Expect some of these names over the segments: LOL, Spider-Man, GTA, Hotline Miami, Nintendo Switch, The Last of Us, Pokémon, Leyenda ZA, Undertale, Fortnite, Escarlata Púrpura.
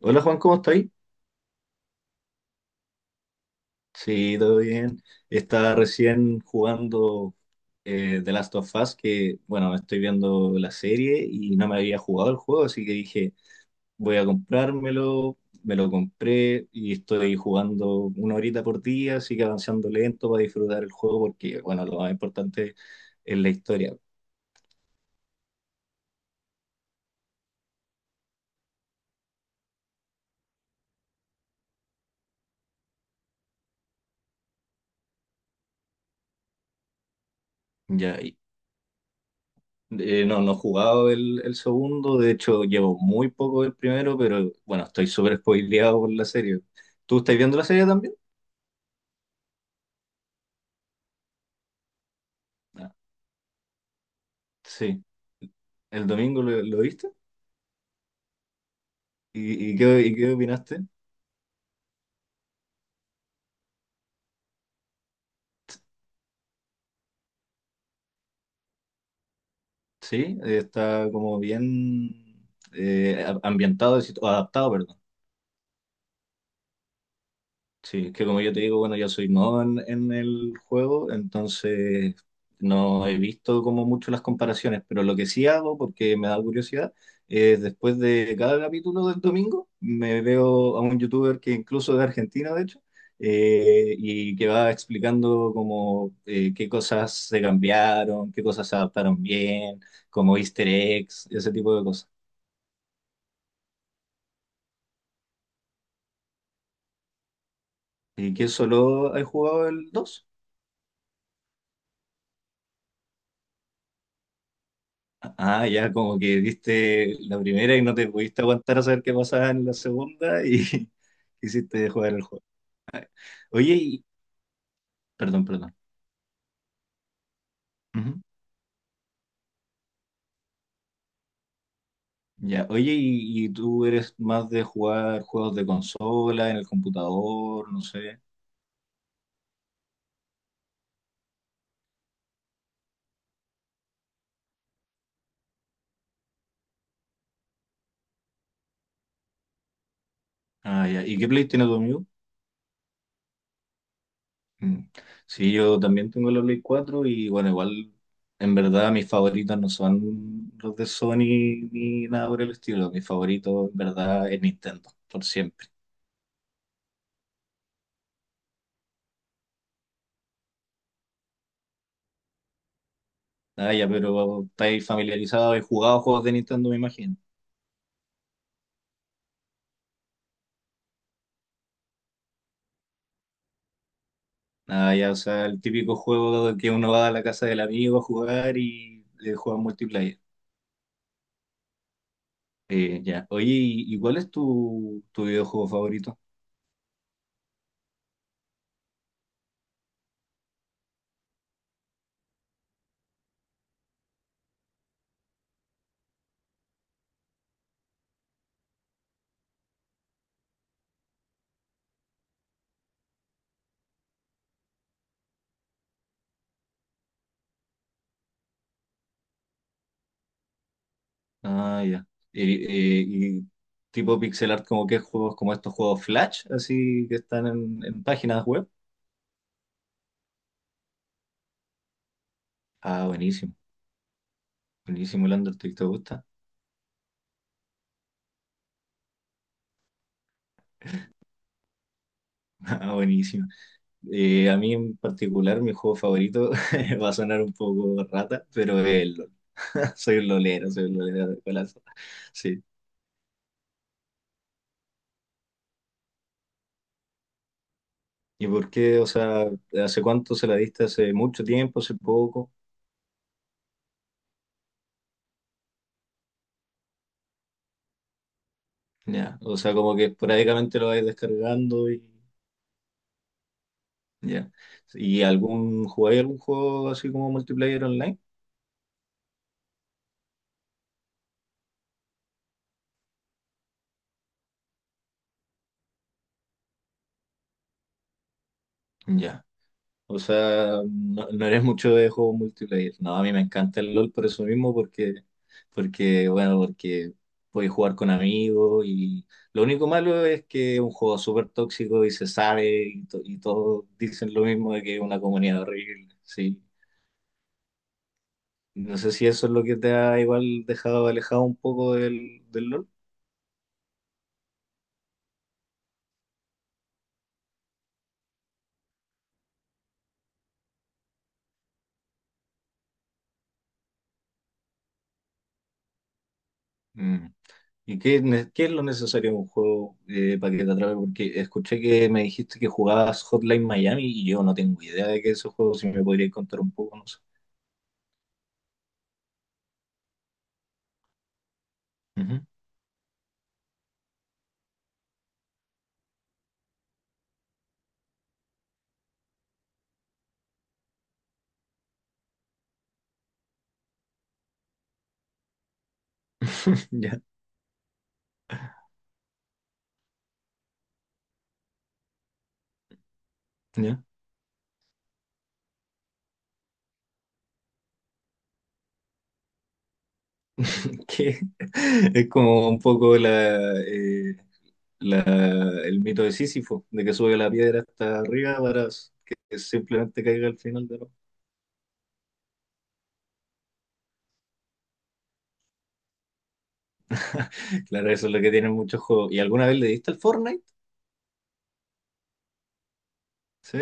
Hola Juan, ¿cómo estás? Sí, todo bien. Estaba recién jugando The Last of Us, que bueno, estoy viendo la serie y no me había jugado el juego, así que dije, voy a comprármelo, me lo compré y estoy jugando una horita por día, así que avanzando lento para disfrutar el juego porque bueno, lo más importante es la historia. Ya. No, no he jugado el segundo, de hecho llevo muy poco el primero, pero bueno, estoy súper spoileado por la serie. ¿Tú estás viendo la serie también? Ah, sí, el domingo lo viste. ¿Y qué opinaste? Sí, está como bien, ambientado, adaptado. Sí, es que como yo te digo, bueno, yo soy nuevo en el juego, entonces no he visto como mucho las comparaciones, pero lo que sí hago, porque me da curiosidad, es después de cada capítulo del domingo, me veo a un youtuber que incluso es de Argentina, de hecho, y que va explicando como qué cosas se cambiaron, qué cosas se adaptaron bien, como easter eggs, ese tipo de cosas. ¿Y qué solo he jugado el 2? Ah, ya, como que viste la primera y no te pudiste aguantar a saber qué pasaba en la segunda y quisiste jugar el juego. Oye, y... Perdón, perdón. Ujú. Ya, oye, y tú eres más de jugar juegos de consola, en el computador, no sé. Ah, ya. ¿Y qué Play tiene tu amigo? Mm. Sí, yo también tengo la Play 4 y bueno, igual en verdad mis favoritos no son los de Sony ni nada por el estilo. Mis favoritos en verdad es Nintendo, por siempre. Ah, ya, pero estáis familiarizados, y jugado juegos de Nintendo, me imagino. Ah, ya, o sea, el típico juego que uno va a la casa del amigo a jugar y le juega multiplayer. Ya. Oye, ¿y cuál es tu videojuego favorito? Ah, ya. Eh, y tipo pixel art, como qué juegos, como estos juegos Flash, así que están en páginas web. Ah, buenísimo. Buenísimo, el Undertale, ¿te gusta? Ah, buenísimo. A mí en particular, mi juego favorito va a sonar un poco rata, pero es el LOL. Soy un lolero de colazo. Sí. ¿Y por qué? O sea, ¿hace cuánto se la diste? ¿Hace mucho tiempo? ¿Hace poco? Ya. O sea, como que esporádicamente lo vais descargando y ya. ¿Y algún, jugáis algún juego así como multiplayer online? Ya. O sea, no, no eres mucho de juego multiplayer. No, a mí me encanta el LOL por eso mismo, porque, porque bueno, porque puedes jugar con amigos y lo único malo es que es un juego súper tóxico y se sabe y, y todos dicen lo mismo de que es una comunidad horrible, sí. No sé si eso es lo que te ha igual dejado alejado un poco del LOL. Mm. ¿Y qué, qué es lo necesario en un juego, para que te atrape? Porque escuché que me dijiste que jugabas Hotline Miami y yo no tengo idea de qué es ese juego, si me podrías contar un poco, no sé. Ujú. Ya, ya. Que es como un poco la, la- el mito de Sísifo, de que sube la piedra hasta arriba para que simplemente caiga al final de la... Claro, eso es lo que tienen muchos juegos. ¿Y alguna vez le diste al Fortnite? ¿Sí?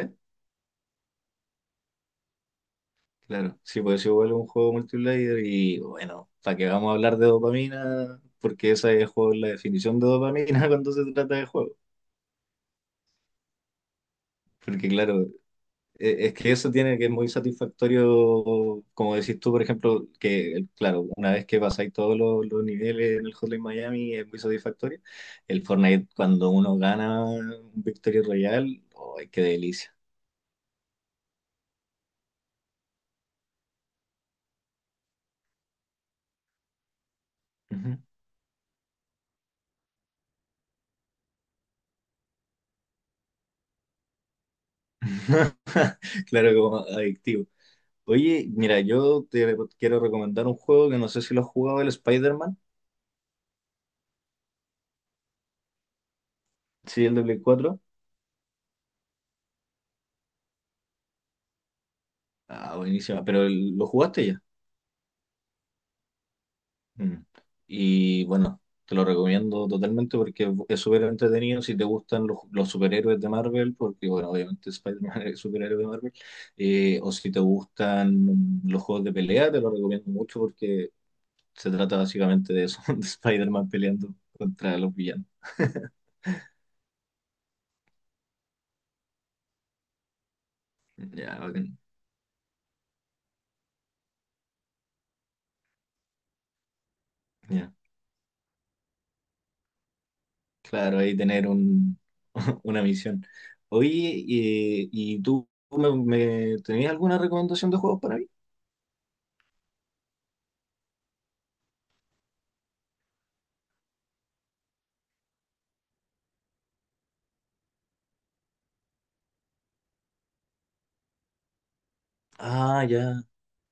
Claro, sí, pues es igual un juego multiplayer y bueno, ¿para qué vamos a hablar de dopamina? Porque esa es la definición de dopamina cuando se trata de juego. Porque claro, es que eso tiene que es muy satisfactorio, como decís tú, por ejemplo, que claro, una vez que pasáis todos los niveles en el Hotline Miami es muy satisfactorio. El Fortnite, cuando uno gana un Victory Royale, ¡ay, qué delicia! Ujú. Claro, como adictivo. Oye, mira, yo quiero recomendar un juego que no sé si lo has jugado, el Spider-Man, sí, el de Play 4. Ah, buenísima, pero lo jugaste ya. Mm. Y bueno, te lo recomiendo totalmente porque es súper entretenido si te gustan los superhéroes de Marvel, porque bueno, obviamente Spider-Man es superhéroe de Marvel. O si te gustan los juegos de pelea, te lo recomiendo mucho porque se trata básicamente de eso, de Spider-Man peleando contra los villanos. Ya, bacán. Ya. Claro, ahí tener un, una misión. Oye, ¿y tú tenías alguna recomendación de juegos para mí? Ah, ya.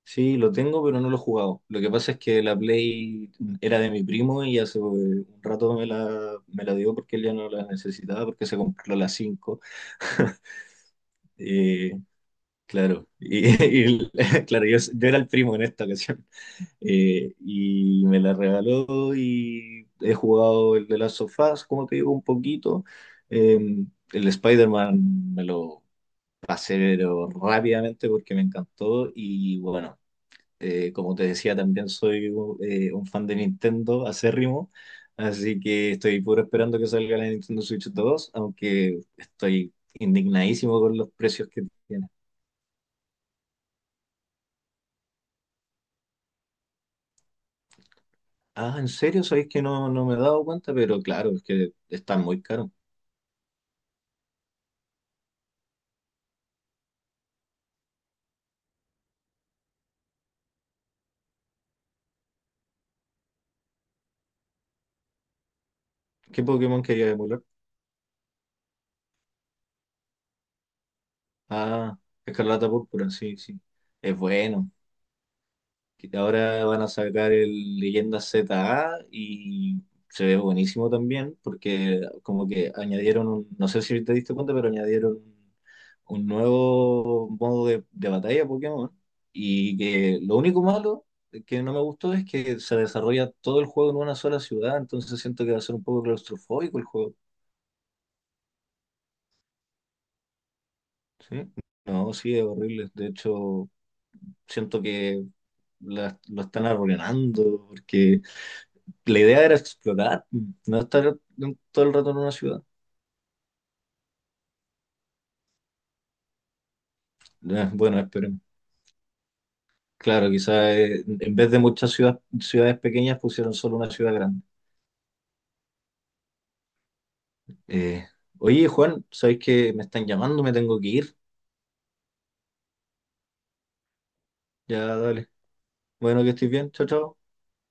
Sí, lo tengo, pero no lo he jugado. Lo que pasa es que la Play era de mi primo y hace, un rato me la dio porque él ya no la necesitaba porque se compró la 5. Eh, claro, y, y- claro, yo era el primo en esta ocasión. Y me la regaló y he jugado el de las sofás, como te digo, un poquito. Eh, el Spider-Man me lo pasé pero rápidamente porque me encantó y bueno, como te decía, también soy un fan de Nintendo acérrimo, así que estoy puro esperando que salga la Nintendo Switch dos, aunque estoy indignadísimo con los precios que tiene. Ah, ¿en serio? Sabéis que no, no me he dado cuenta, pero claro, es que están muy caros. ¿Qué Pokémon quería emular? Ah, Escarlata Púrpura, sí, sí. Es bueno. Que ahora van a sacar el Leyenda ZA y se ve buenísimo también, porque como que añadieron un, no sé si te diste cuenta, pero añadieron un nuevo modo de batalla Pokémon. Y que lo único malo que no me gustó es que se desarrolla todo el juego en una sola ciudad, entonces siento que va a ser un poco claustrofóbico el juego. ¿Sí? No, sí, es horrible. De hecho, siento que lo están arruinando, porque la idea era explorar, no estar todo el rato en una ciudad. Bueno, esperemos. Claro, quizás, en vez de muchas ciudades pequeñas pusieron solo una ciudad grande. Eh, Oye, Juan, ¿sabéis que me están llamando? Me tengo que ir. Ya, dale. Bueno, que estés bien. Chao, chao.